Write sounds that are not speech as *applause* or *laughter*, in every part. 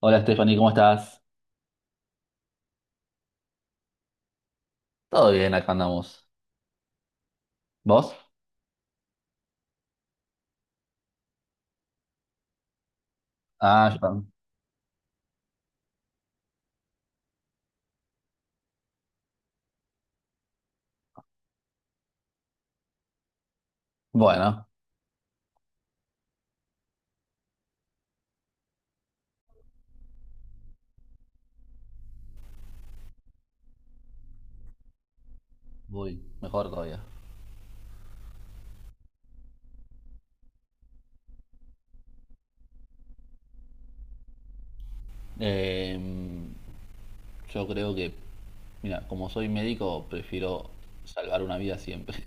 Hola Stephanie, ¿cómo estás? Todo bien, acá andamos. ¿Vos? Ah, yo también. Bueno, voy mejor todavía. Em, yo creo que, mira, como soy médico, prefiero salvar una vida siempre.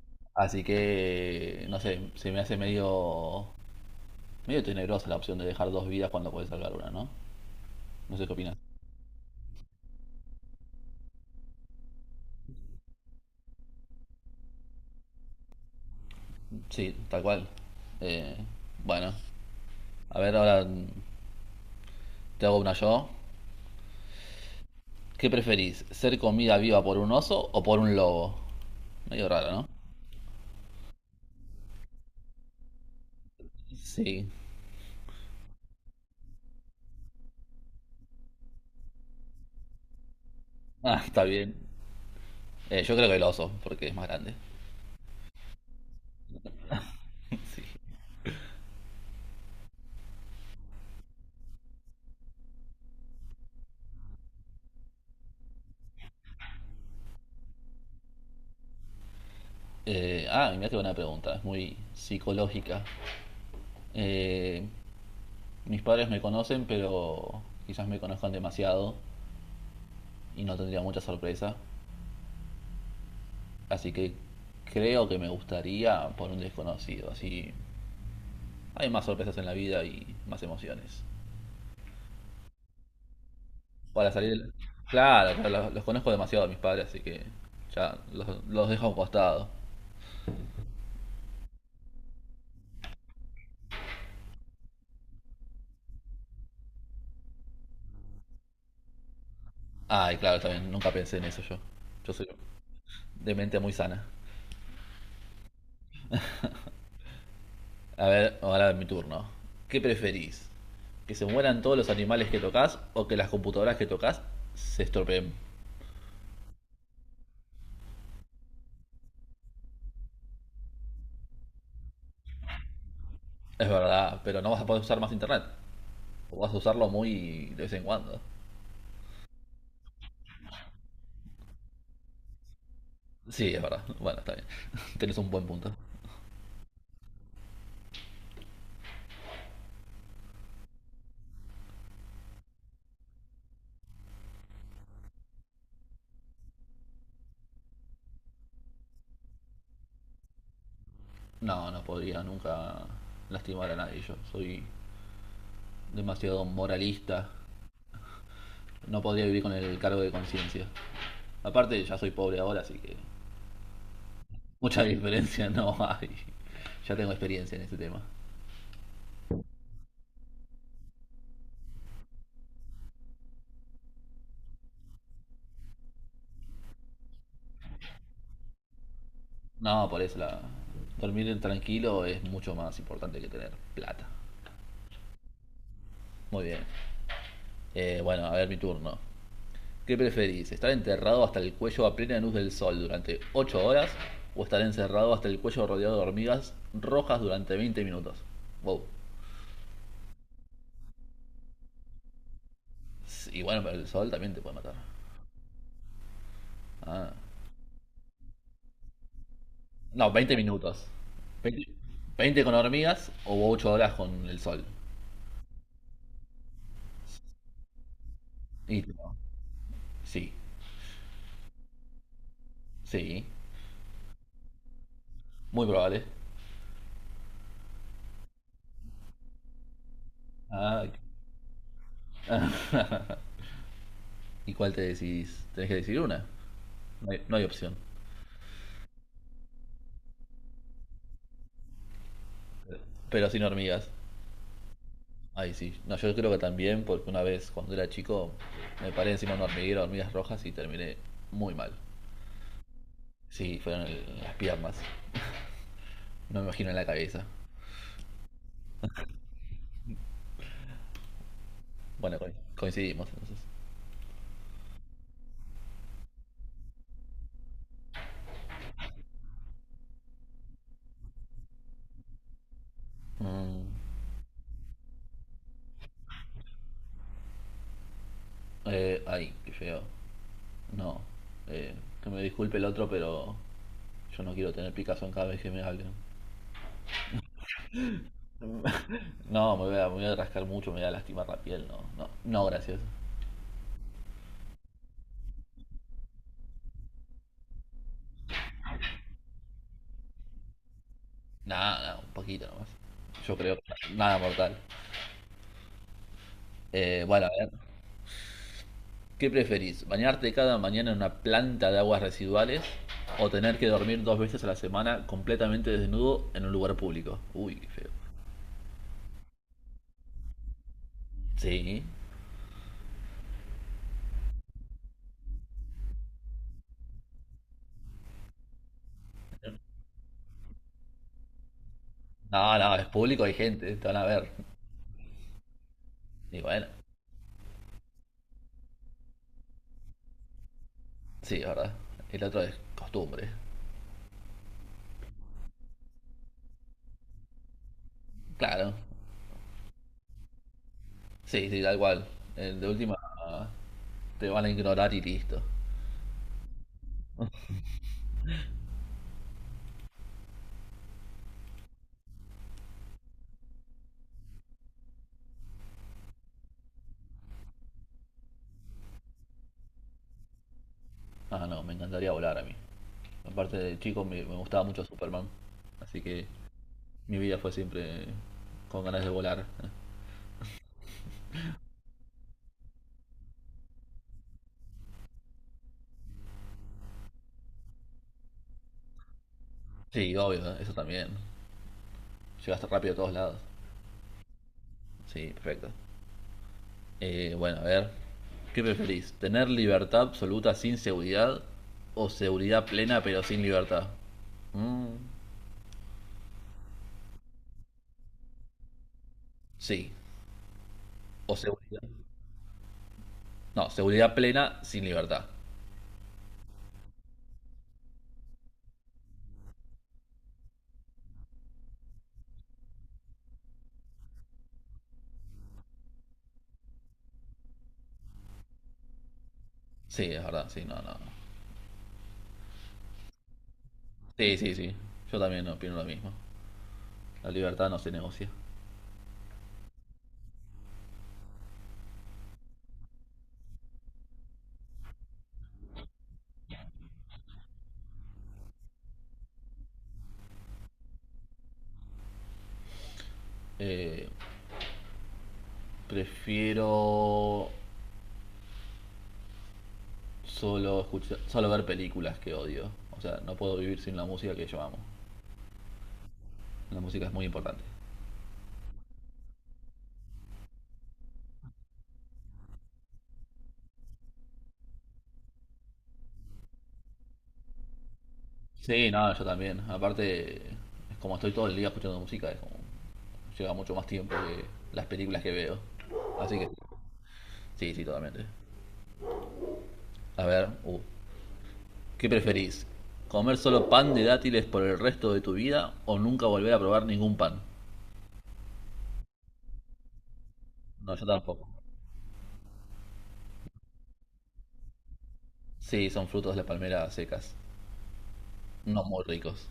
*laughs* Así que, no sé, se me hace medio tenebrosa la opción de dejar dos vidas cuando puedes salvar una, ¿no? No sé qué opinas. Sí, tal cual. Eh, bueno, a ver, ahora te hago una yo. ¿Qué preferís? ¿Ser comida viva por un oso o por un lobo? Medio raro, ¿no? Sí. Ah, está bien. Yo creo que el oso, porque es más grande. Mira qué buena pregunta, es muy psicológica. Eh, mis padres me conocen, pero quizás me conozcan demasiado y no tendría mucha sorpresa. Así que creo que me gustaría por un desconocido. Así hay más sorpresas en la vida y más emociones. Para salir. Claro, claro, los conozco demasiado a mis padres, así que ya los dejo a un costado. Ay, claro, también nunca pensé en eso yo. Yo soy de mente muy sana. A ver, ahora es mi turno. ¿Qué preferís? ¿Que se mueran todos los animales que tocas o que las computadoras que tocas se estropeen? Es verdad, pero no vas a poder usar más internet. O vas a usarlo muy de vez en cuando. Sí, es verdad. Bueno, está bien. *laughs* Tenés un buen punto. No, no podría nunca lastimar a nadie. Yo soy demasiado moralista. No podría vivir con el cargo de conciencia. Aparte, ya soy pobre ahora, así que mucha diferencia no hay. Ya tengo experiencia en este tema. No, por eso dormir tranquilo es mucho más importante que tener plata. Muy bien. Bueno, a ver mi turno. ¿Qué preferís? ¿Estar enterrado hasta el cuello a plena luz del sol durante 8 horas o estar encerrado hasta el cuello rodeado de hormigas rojas durante 20 minutos? Wow. Y bueno, pero el sol también te puede matar. Ah. No, 20 minutos. 20 20 con hormigas o 8 horas con el sol. Y no, sí, sí, muy probable. Ah, ¿y cuál te decís? Tenés que decir una. No hay opción. Pero sin hormigas. Ay, sí. No, yo creo que también, porque una vez cuando era chico me paré encima de un hormiguero, de hormigas rojas y terminé muy mal. Sí, fueron las piernas. No me imagino en la cabeza. Bueno, coincidimos entonces. Mm, ay, qué feo. No, eh, que me disculpe el otro, pero yo no quiero tener picazón cada vez que me hablen. No, me voy a rascar mucho, me voy a lastimar la piel, no, no, no, gracias. Nada, no, un poquito nomás. Yo creo que nada mortal. Bueno, a ver, ¿qué preferís? ¿Bañarte cada mañana en una planta de aguas residuales o tener que dormir 2 veces a la semana completamente desnudo en un lugar público? Uy, qué feo. Sí. No, no, es público, hay gente, te van a ver. Y bueno, sí, es verdad. El otro es costumbre. Claro, sí, sí, da igual. De última, te van a ignorar y listo. Ah, no, me encantaría volar a mí. Aparte de chico, me gustaba mucho Superman. Así que mi vida fue siempre con ganas de volar. Sí, obvio, eso también. Llegaste rápido a todos lados. Sí, perfecto. Bueno, a ver. ¿Qué preferís? ¿Tener libertad absoluta sin seguridad o seguridad plena pero sin libertad? Mm, sí, o seguridad. No, seguridad plena sin libertad. Sí, es verdad, sí, no, no. Sí, sí, sí. Yo también opino lo mismo. La libertad no se negocia. Eh, prefiero solo escuchar, solo ver películas que odio. O sea, no puedo vivir sin la música que yo amo. La música es muy importante. Sí, no, yo también. Aparte, es como estoy todo el día escuchando música, es como lleva mucho más tiempo que las películas que veo. Así que sí, sí, totalmente. A ver, ¿qué preferís? ¿Comer solo pan de dátiles por el resto de tu vida o nunca volver a probar ningún pan? No, yo tampoco. Sí, son frutos de la palmera secas. No muy ricos.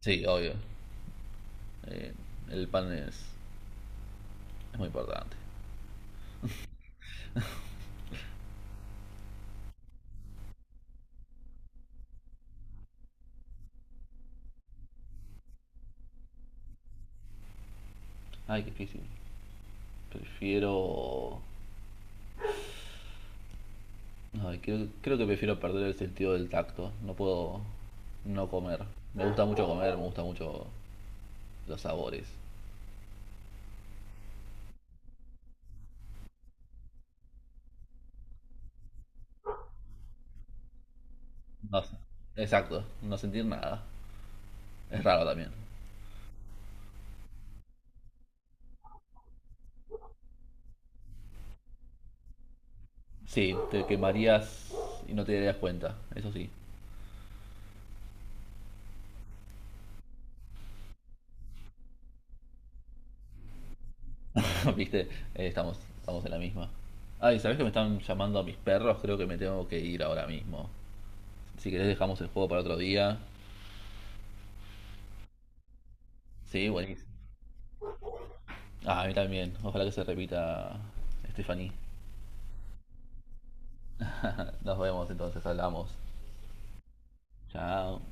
Sí, obvio. Eh, el pan es muy importante. Ay, qué difícil. Prefiero... Ay, creo que prefiero perder el sentido del tacto. No puedo no comer. Me gusta mucho comer, me gusta mucho los sabores. No sé. Exacto, no sentir nada. Es raro también. Sí, te quemarías y no te darías cuenta, eso sí. *laughs* Viste, estamos en la misma. Ay, ¿sabés que me están llamando a mis perros? Creo que me tengo que ir ahora mismo. Si querés dejamos el juego para otro día. Sí, buenísimo. Ah, a mí también. Ojalá que se repita, Stephanie. Nos vemos entonces, hablamos. Chao.